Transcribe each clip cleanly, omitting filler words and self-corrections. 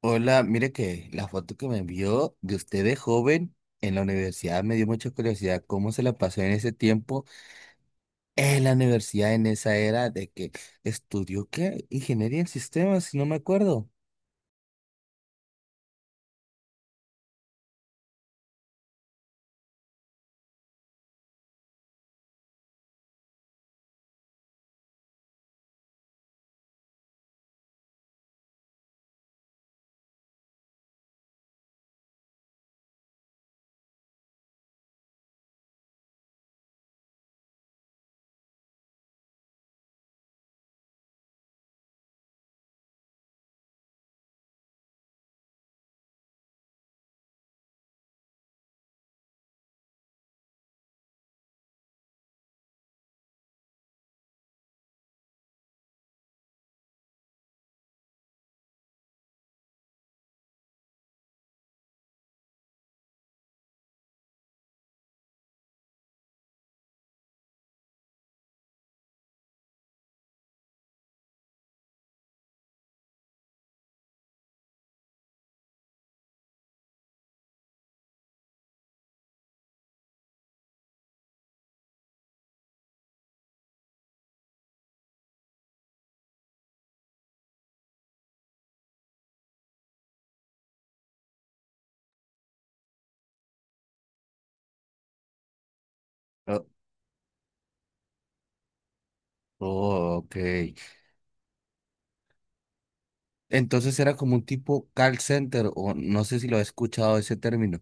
Hola, mire que la foto que me envió de usted de joven en la universidad me dio mucha curiosidad cómo se la pasó en ese tiempo en la universidad, en esa era de que estudió qué, ingeniería en sistemas, si no me acuerdo. Oh, oh, ok. Entonces era como un tipo call center, o no sé si lo he escuchado ese término.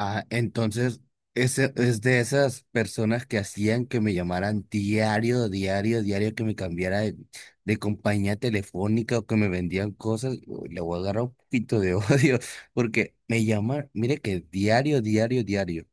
Ah, entonces, ese, es de esas personas que hacían que me llamaran diario, diario, diario, que me cambiara de compañía telefónica o que me vendían cosas. Uy, le voy a agarrar un poquito de odio porque me llaman, mire que diario, diario, diario.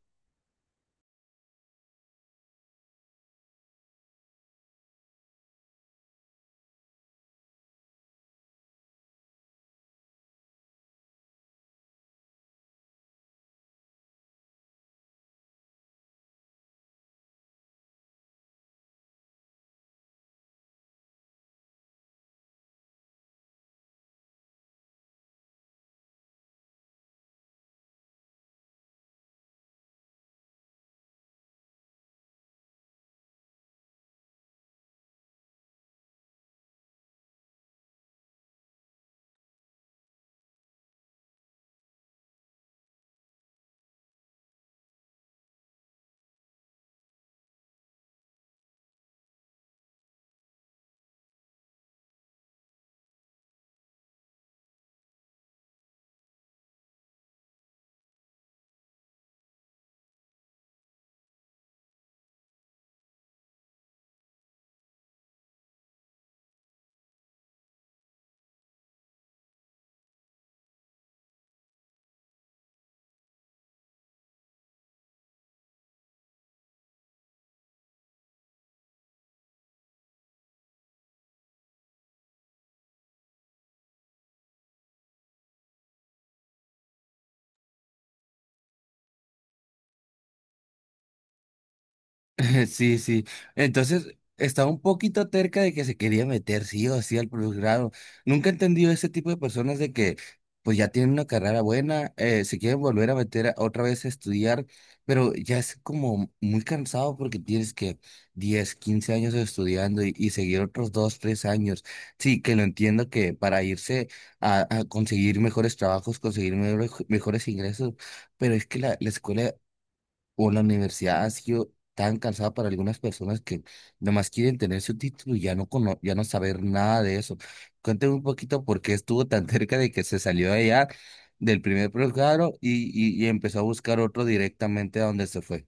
Sí, sí. Entonces, estaba un poquito terca de que se quería meter sí o sí al posgrado. Nunca he entendido ese tipo de personas de que, pues ya tienen una carrera buena, se quieren volver a meter otra vez a estudiar, pero ya es como muy cansado porque tienes que 10, 15 años estudiando y seguir otros 2, 3 años. Sí, que lo entiendo que para irse a conseguir mejores trabajos, conseguir mejores, mejores ingresos, pero es que la escuela o la universidad ha sido tan cansada para algunas personas que nomás quieren tener su título y ya no, ya no saber nada de eso. Cuéntame un poquito por qué estuvo tan cerca de que se salió de allá del primer programa y empezó a buscar otro directamente a donde se fue.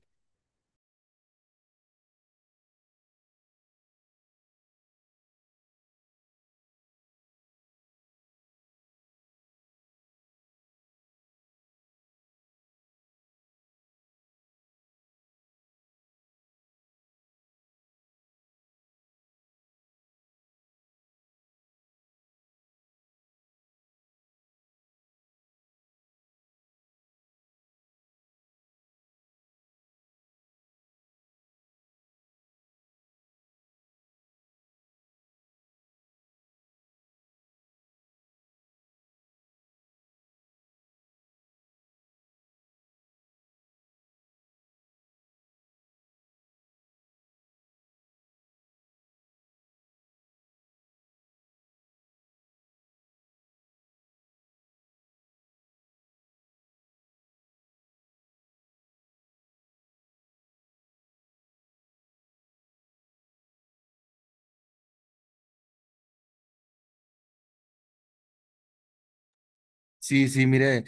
Sí, sí, mire.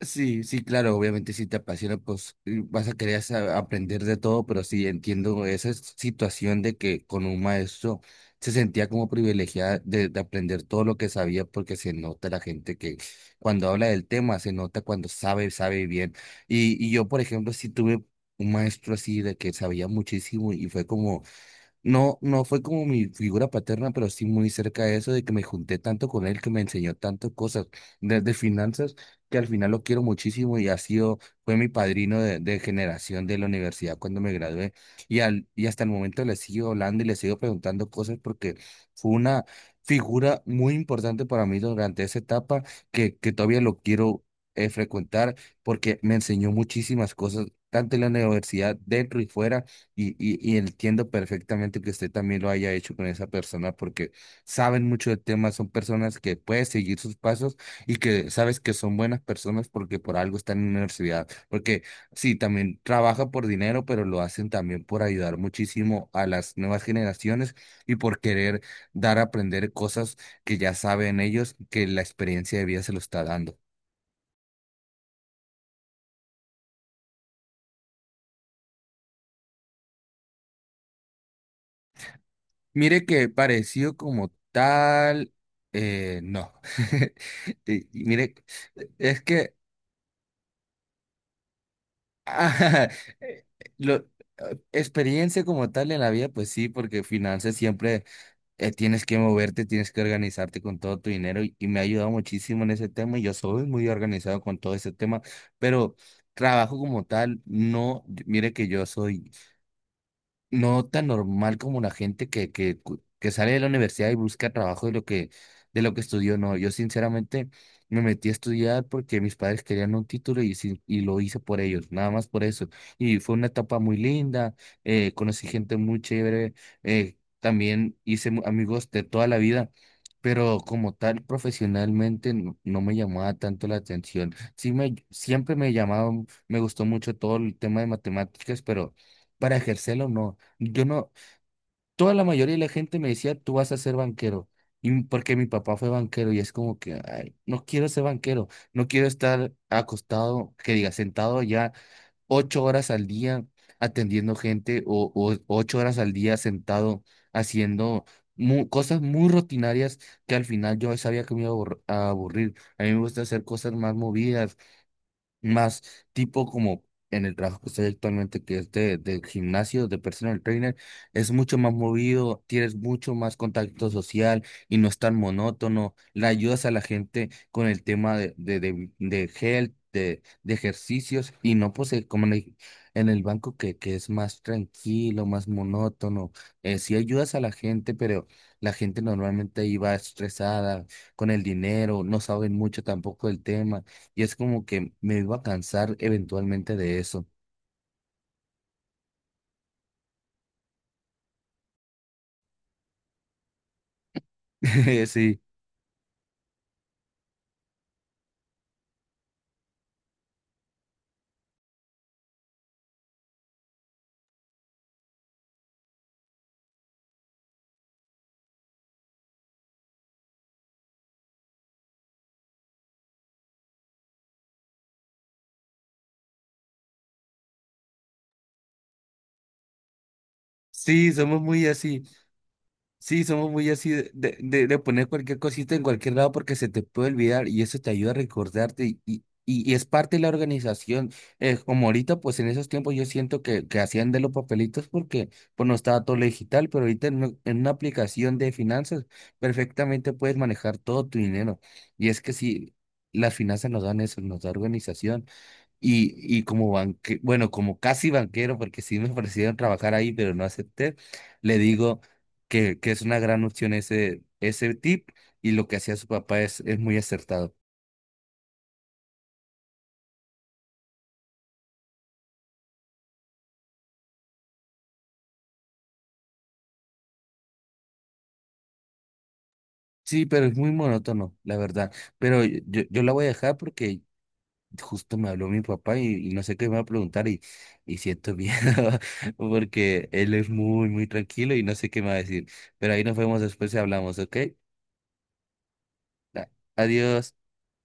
Sí, sí, claro, obviamente si te apasiona, pues vas a querer aprender de todo, pero sí entiendo esa situación de que con un maestro se sentía como privilegiada de aprender todo lo que sabía, porque se nota la gente que cuando habla del tema, se nota cuando sabe, sabe bien. Y yo, por ejemplo, sí tuve un maestro así de que sabía muchísimo y fue como no, no fue como mi figura paterna, pero sí muy cerca de eso, de que me junté tanto con él, que me enseñó tantas cosas, desde finanzas, que al final lo quiero muchísimo y ha sido, fue mi padrino de generación de la universidad cuando me gradué. Y, al, y hasta el momento le sigo hablando y le sigo preguntando cosas porque fue una figura muy importante para mí durante esa etapa que todavía lo quiero frecuentar porque me enseñó muchísimas cosas, tanto en la universidad, dentro y fuera y entiendo perfectamente que usted también lo haya hecho con esa persona porque saben mucho del tema, son personas que puedes seguir sus pasos y que sabes que son buenas personas porque por algo están en la universidad. Porque sí, también trabaja por dinero, pero lo hacen también por ayudar muchísimo a las nuevas generaciones y por querer dar a aprender cosas que ya saben ellos que la experiencia de vida se lo está dando. Mire que parecido como tal, no. Y mire, es que ah, eh, lo, experiencia como tal en la vida, pues sí, porque finanzas siempre tienes que moverte, tienes que organizarte con todo tu dinero y me ha ayudado muchísimo en ese tema y yo soy muy organizado con todo ese tema, pero trabajo como tal, no, mire que yo soy no tan normal como la gente que, que sale de la universidad y busca trabajo de lo que estudió. No, yo sinceramente me metí a estudiar porque mis padres querían un título y, y lo hice por ellos, nada más por eso. Y fue una etapa muy linda, conocí gente muy chévere, también hice amigos de toda la vida. Pero como tal, profesionalmente no, no me llamaba tanto la atención. Sí me, siempre me llamaba, me gustó mucho todo el tema de matemáticas, pero para ejercerlo no. Yo no, toda la mayoría de la gente me decía, tú vas a ser banquero, y porque mi papá fue banquero y es como que, ay, no quiero ser banquero, no quiero estar acostado, que diga, sentado ya 8 horas al día atendiendo gente o 8 horas al día sentado haciendo cosas muy rutinarias que al final yo sabía que me iba a a aburrir. A mí me gusta hacer cosas más movidas, más tipo como en el trabajo que estoy actualmente, que es de, del gimnasio, de personal trainer, es mucho más movido, tienes mucho más contacto social y no es tan monótono, le ayudas a la gente con el tema de health, de ejercicios y no pues como en el banco que es más tranquilo, más monótono, sí ayudas a la gente, pero la gente normalmente ahí va estresada con el dinero, no saben mucho tampoco del tema. Y es como que me iba a cansar eventualmente de eso. Sí, sí, somos muy así. Sí, somos muy así de, de poner cualquier cosita en cualquier lado porque se te puede olvidar y eso te ayuda a recordarte y, y es parte de la organización. Como ahorita, pues en esos tiempos yo siento que hacían de los papelitos porque pues no estaba todo lo digital, pero ahorita en, en una aplicación de finanzas perfectamente puedes manejar todo tu dinero. Y es que sí, las finanzas nos dan eso, nos da organización. Y como banque, bueno, como casi banquero, porque sí me ofrecieron trabajar ahí, pero no acepté, le digo que es una gran opción ese, ese tip y lo que hacía su papá es muy acertado. Sí, pero es muy monótono, la verdad. Pero yo, yo la voy a dejar porque justo me habló mi papá y no sé qué me va a preguntar y siento miedo porque él es muy, muy tranquilo y no sé qué me va a decir. Pero ahí nos vemos después y hablamos, ¿ok? A- Adiós.